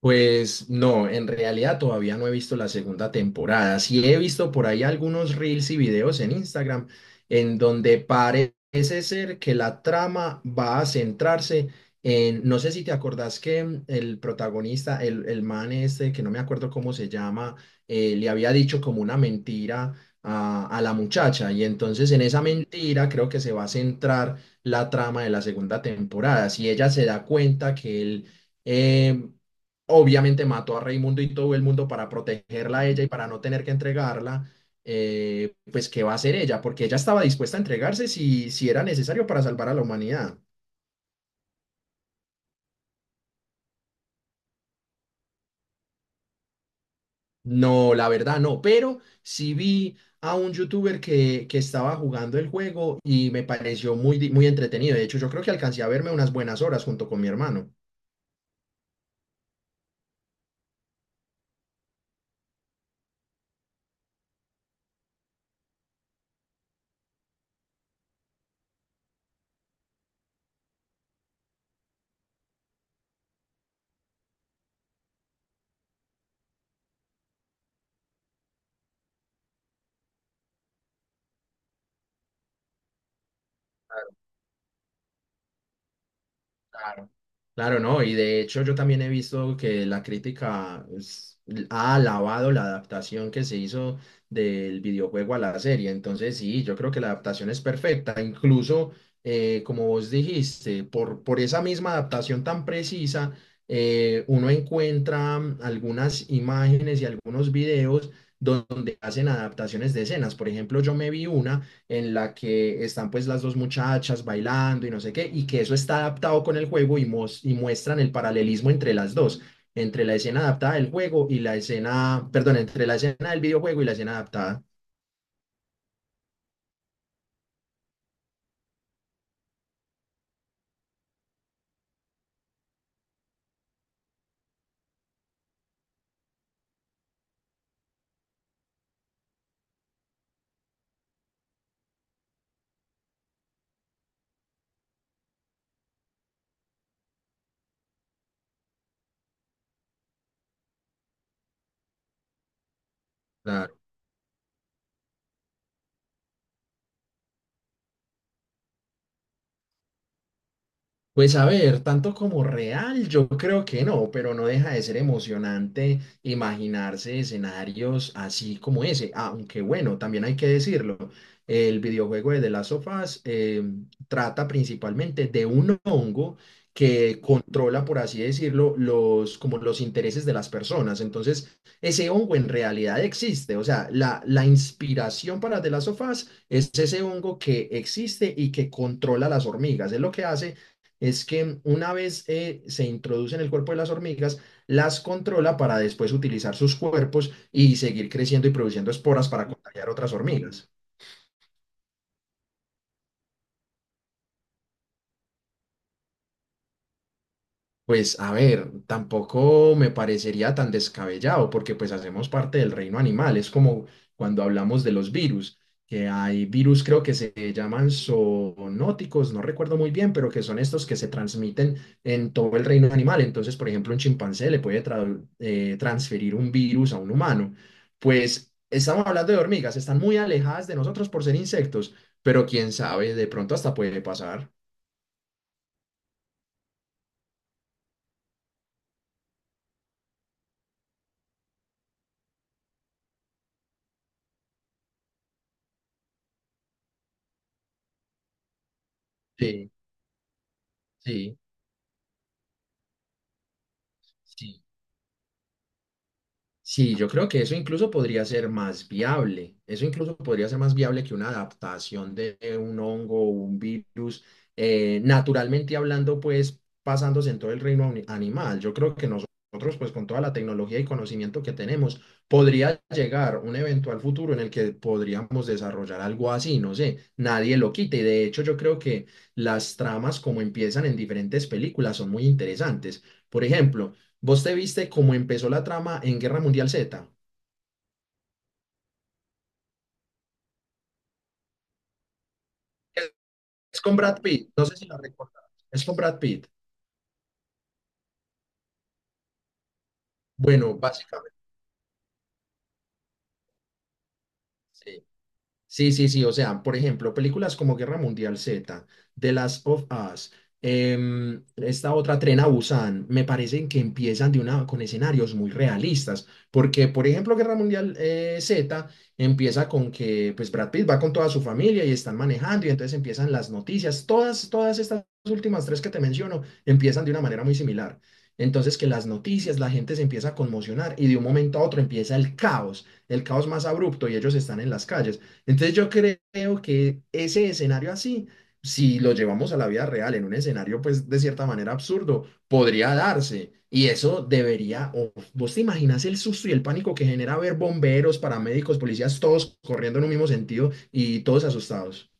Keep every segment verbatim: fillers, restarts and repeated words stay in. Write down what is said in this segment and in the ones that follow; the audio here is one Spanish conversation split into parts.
Pues no, en realidad todavía no he visto la segunda temporada. Sí he visto por ahí algunos reels y videos en Instagram en donde parece ser que la trama va a centrarse en, no sé si te acordás que mm, el protagonista, el, el man este, que no me acuerdo cómo se llama, eh, le había dicho como una mentira a, a la muchacha y entonces en esa mentira creo que se va a centrar la trama de la segunda temporada. Si ella se da cuenta que él... em, obviamente mató a Raimundo y todo el mundo para protegerla a ella y para no tener que entregarla, eh, pues ¿qué va a hacer ella? Porque ella estaba dispuesta a entregarse si, si era necesario para salvar a la humanidad. No, la verdad no, pero sí vi a un youtuber que, que estaba jugando el juego y me pareció muy, di- muy entretenido. De hecho, yo creo que alcancé a verme unas buenas horas junto con mi hermano. Claro. Claro, no, y de hecho yo también he visto que la crítica es- ha alabado la adaptación que se hizo del videojuego a la serie, entonces sí, yo creo que la adaptación es perfecta, incluso eh, como vos dijiste, por, por esa misma adaptación tan precisa, eh, uno encuentra mm, algunas imágenes y algunos videos donde hacen adaptaciones de escenas, por ejemplo, yo me vi una en la que están pues las dos muchachas bailando y no sé qué, y que eso está adaptado con el juego y, mos- y muestran el paralelismo entre las dos, entre la escena adaptada del juego y la escena, perdón, entre la escena del videojuego y la escena adaptada. Pues a ver, tanto como real, yo creo que no, pero no deja de ser emocionante imaginarse escenarios así como ese. Aunque bueno, también hay que decirlo, el videojuego de The Last of Us eh, trata principalmente de un hongo que controla, por así decirlo, los, como los intereses de las personas. Entonces, ese hongo en realidad existe. O sea, la, la inspiración para The Last of Us es ese hongo que existe y que controla las hormigas. Es lo que hace es que una vez eh, se introduce en el cuerpo de las hormigas, las controla para después utilizar sus cuerpos y seguir creciendo y produciendo esporas para contagiar otras hormigas. Pues a ver, tampoco me parecería tan descabellado porque pues hacemos parte del reino animal. Es como cuando hablamos de los virus, que hay virus creo que se llaman zoonóticos, no recuerdo muy bien, pero que son estos que se transmiten en todo el reino animal. Entonces, por ejemplo, un chimpancé le puede tra- eh, transferir un virus a un humano. Pues estamos hablando de hormigas, están muy alejadas de nosotros por ser insectos, pero quién sabe, de pronto hasta puede pasar. Sí, sí, sí. Sí, yo creo que eso incluso podría ser más viable. Eso incluso podría ser más viable que una adaptación de un hongo o un virus, eh, naturalmente hablando, pues pasándose en todo el reino ani- animal. Yo creo que nosotros, pues con toda la tecnología y conocimiento que tenemos, podría llegar un eventual futuro en el que podríamos desarrollar algo así, no sé, nadie lo quite. Y de hecho, yo creo que las tramas como empiezan en diferentes películas son muy interesantes. Por ejemplo, ¿vos te viste cómo empezó la trama en Guerra Mundial Z? Es es con Brad Pitt, no sé si la recordás. Es con Brad Pitt. Bueno, básicamente, sí. Sí, sí, sí. O sea, por ejemplo, películas como Guerra Mundial Z, The Last of Us, em, esta otra Tren a Busan, me parecen que empiezan de una, con escenarios muy realistas. Porque, por ejemplo, Guerra Mundial eh, Z empieza con que pues, Brad Pitt va con toda su familia y están manejando, y entonces empiezan las noticias. Todas, todas estas últimas tres que te menciono empiezan de una manera muy similar. Entonces, que las noticias, la gente se empieza a conmocionar y de un momento a otro empieza el caos, el caos más abrupto y ellos están en las calles. Entonces yo creo que ese escenario así, si lo llevamos a la vida real, en un escenario pues de cierta manera absurdo, podría darse. Y eso debería, o vos te imaginas el susto y el pánico que genera ver bomberos, paramédicos, policías, todos corriendo en un mismo sentido y todos asustados.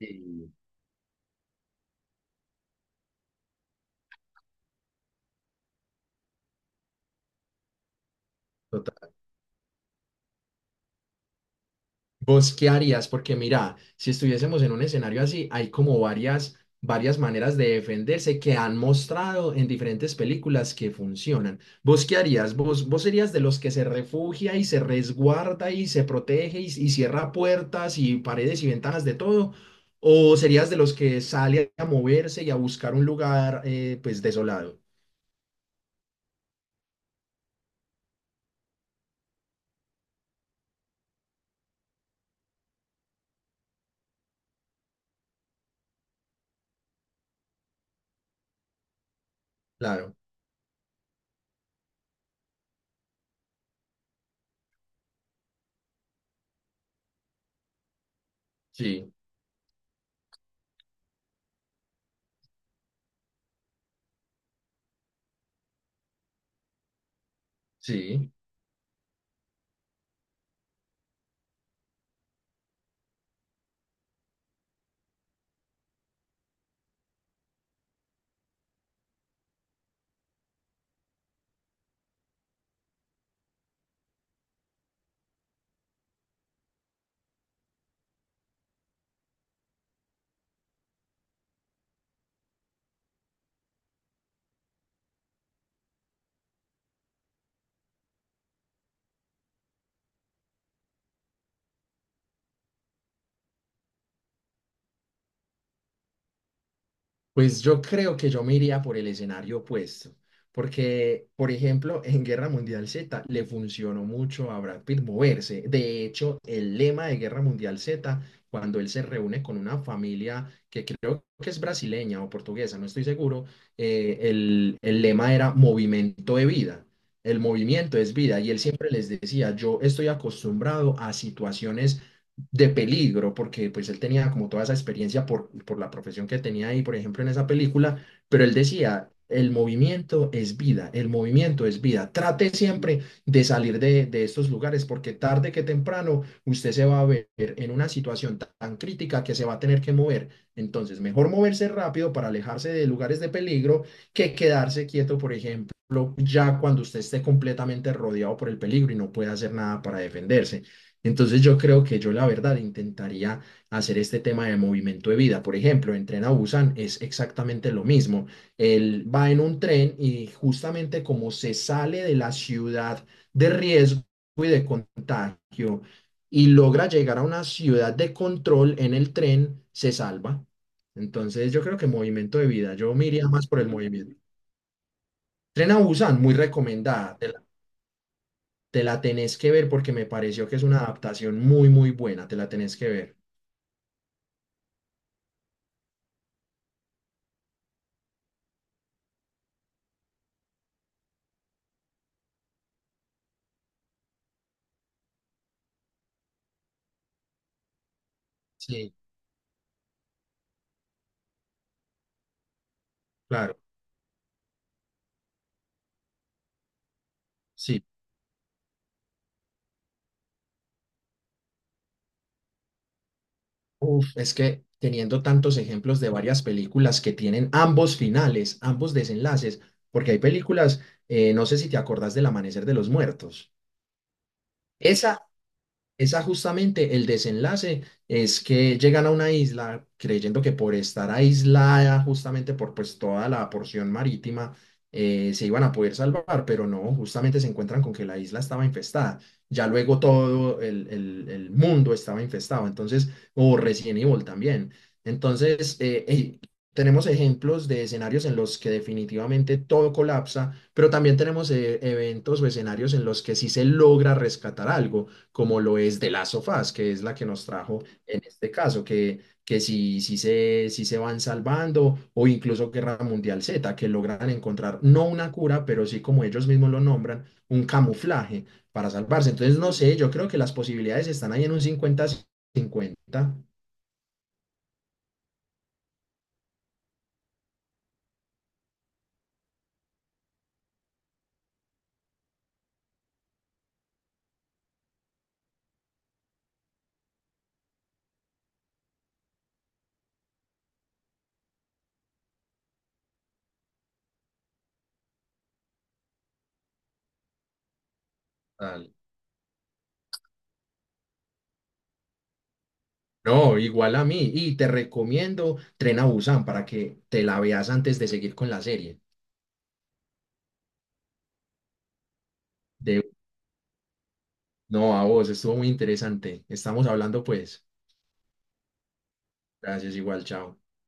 Sí. Total. ¿Vos qué harías? Porque mira, si estuviésemos en un escenario así, hay como varias, varias maneras de defenderse que han mostrado en diferentes películas que funcionan. ¿Vos qué harías? ¿Vos, vos serías de los que se refugia y se resguarda y se protege y, y cierra puertas y paredes y ventanas de todo? ¿O serías de los que sale a moverse y a buscar un lugar eh, pues desolado? Claro, sí, sí. Pues yo creo que yo me iría por el escenario opuesto, porque, por ejemplo, en Guerra Mundial Z le funcionó mucho a Brad Pitt moverse. De hecho, el lema de Guerra Mundial Z, cuando él se reúne con una familia que creo que es brasileña o portuguesa, no estoy seguro, eh, el, el lema era movimiento de vida. El movimiento es vida y él siempre les decía, yo estoy acostumbrado a situaciones de peligro, porque pues él tenía como toda esa experiencia por, por la profesión que tenía ahí, por ejemplo, en esa película, pero él decía, el movimiento es vida, el movimiento es vida, trate siempre de salir de, de estos lugares, porque tarde que temprano usted se va a ver en una situación tan, tan crítica que se va a tener que mover. Entonces, mejor moverse rápido para alejarse de lugares de peligro que quedarse quieto, por ejemplo, ya cuando usted esté completamente rodeado por el peligro y no pueda hacer nada para defenderse. Entonces yo creo que yo la verdad intentaría hacer este tema de movimiento de vida. Por ejemplo, en Tren a Busan es exactamente lo mismo. Él va en un tren y justamente como se sale de la ciudad de riesgo y de contagio y logra llegar a una ciudad de control en el tren, se salva. Entonces yo creo que movimiento de vida, yo me iría más por el movimiento. Tren a Busan, muy recomendada. Te la tenés que ver porque me pareció que es una adaptación muy, muy buena. Te la tenés que ver. Sí, claro, sí. Uf, es que teniendo tantos ejemplos de varias películas que tienen ambos finales, ambos desenlaces, porque hay películas, eh, no sé si te acordás del Amanecer de los Muertos. esa Esa justamente el desenlace es que llegan a una isla creyendo que por estar aislada justamente por pues toda la porción marítima eh, se iban a poder salvar, pero no, justamente se encuentran con que la isla estaba infestada. Ya luego todo el, el- el mundo estaba infestado, entonces, o Resident Evil también. Entonces, eh, eh, tenemos ejemplos de escenarios en los que definitivamente todo colapsa, pero también tenemos eh, eventos o escenarios en los que sí se logra rescatar algo como lo es de las sofás, que es la que nos trajo en este caso, que, que si, si, se, si se van salvando o incluso Guerra Mundial Z, que logran encontrar no una cura, pero sí como ellos mismos lo nombran, un camuflaje para salvarse. Entonces, no sé, yo creo que las posibilidades están ahí en un cincuenta cincuenta. Dale. No, igual a mí. Y te recomiendo Tren a Busan para que te la veas antes de seguir con la serie. De... No, a vos, estuvo muy interesante. Estamos hablando pues. Gracias, igual, chao.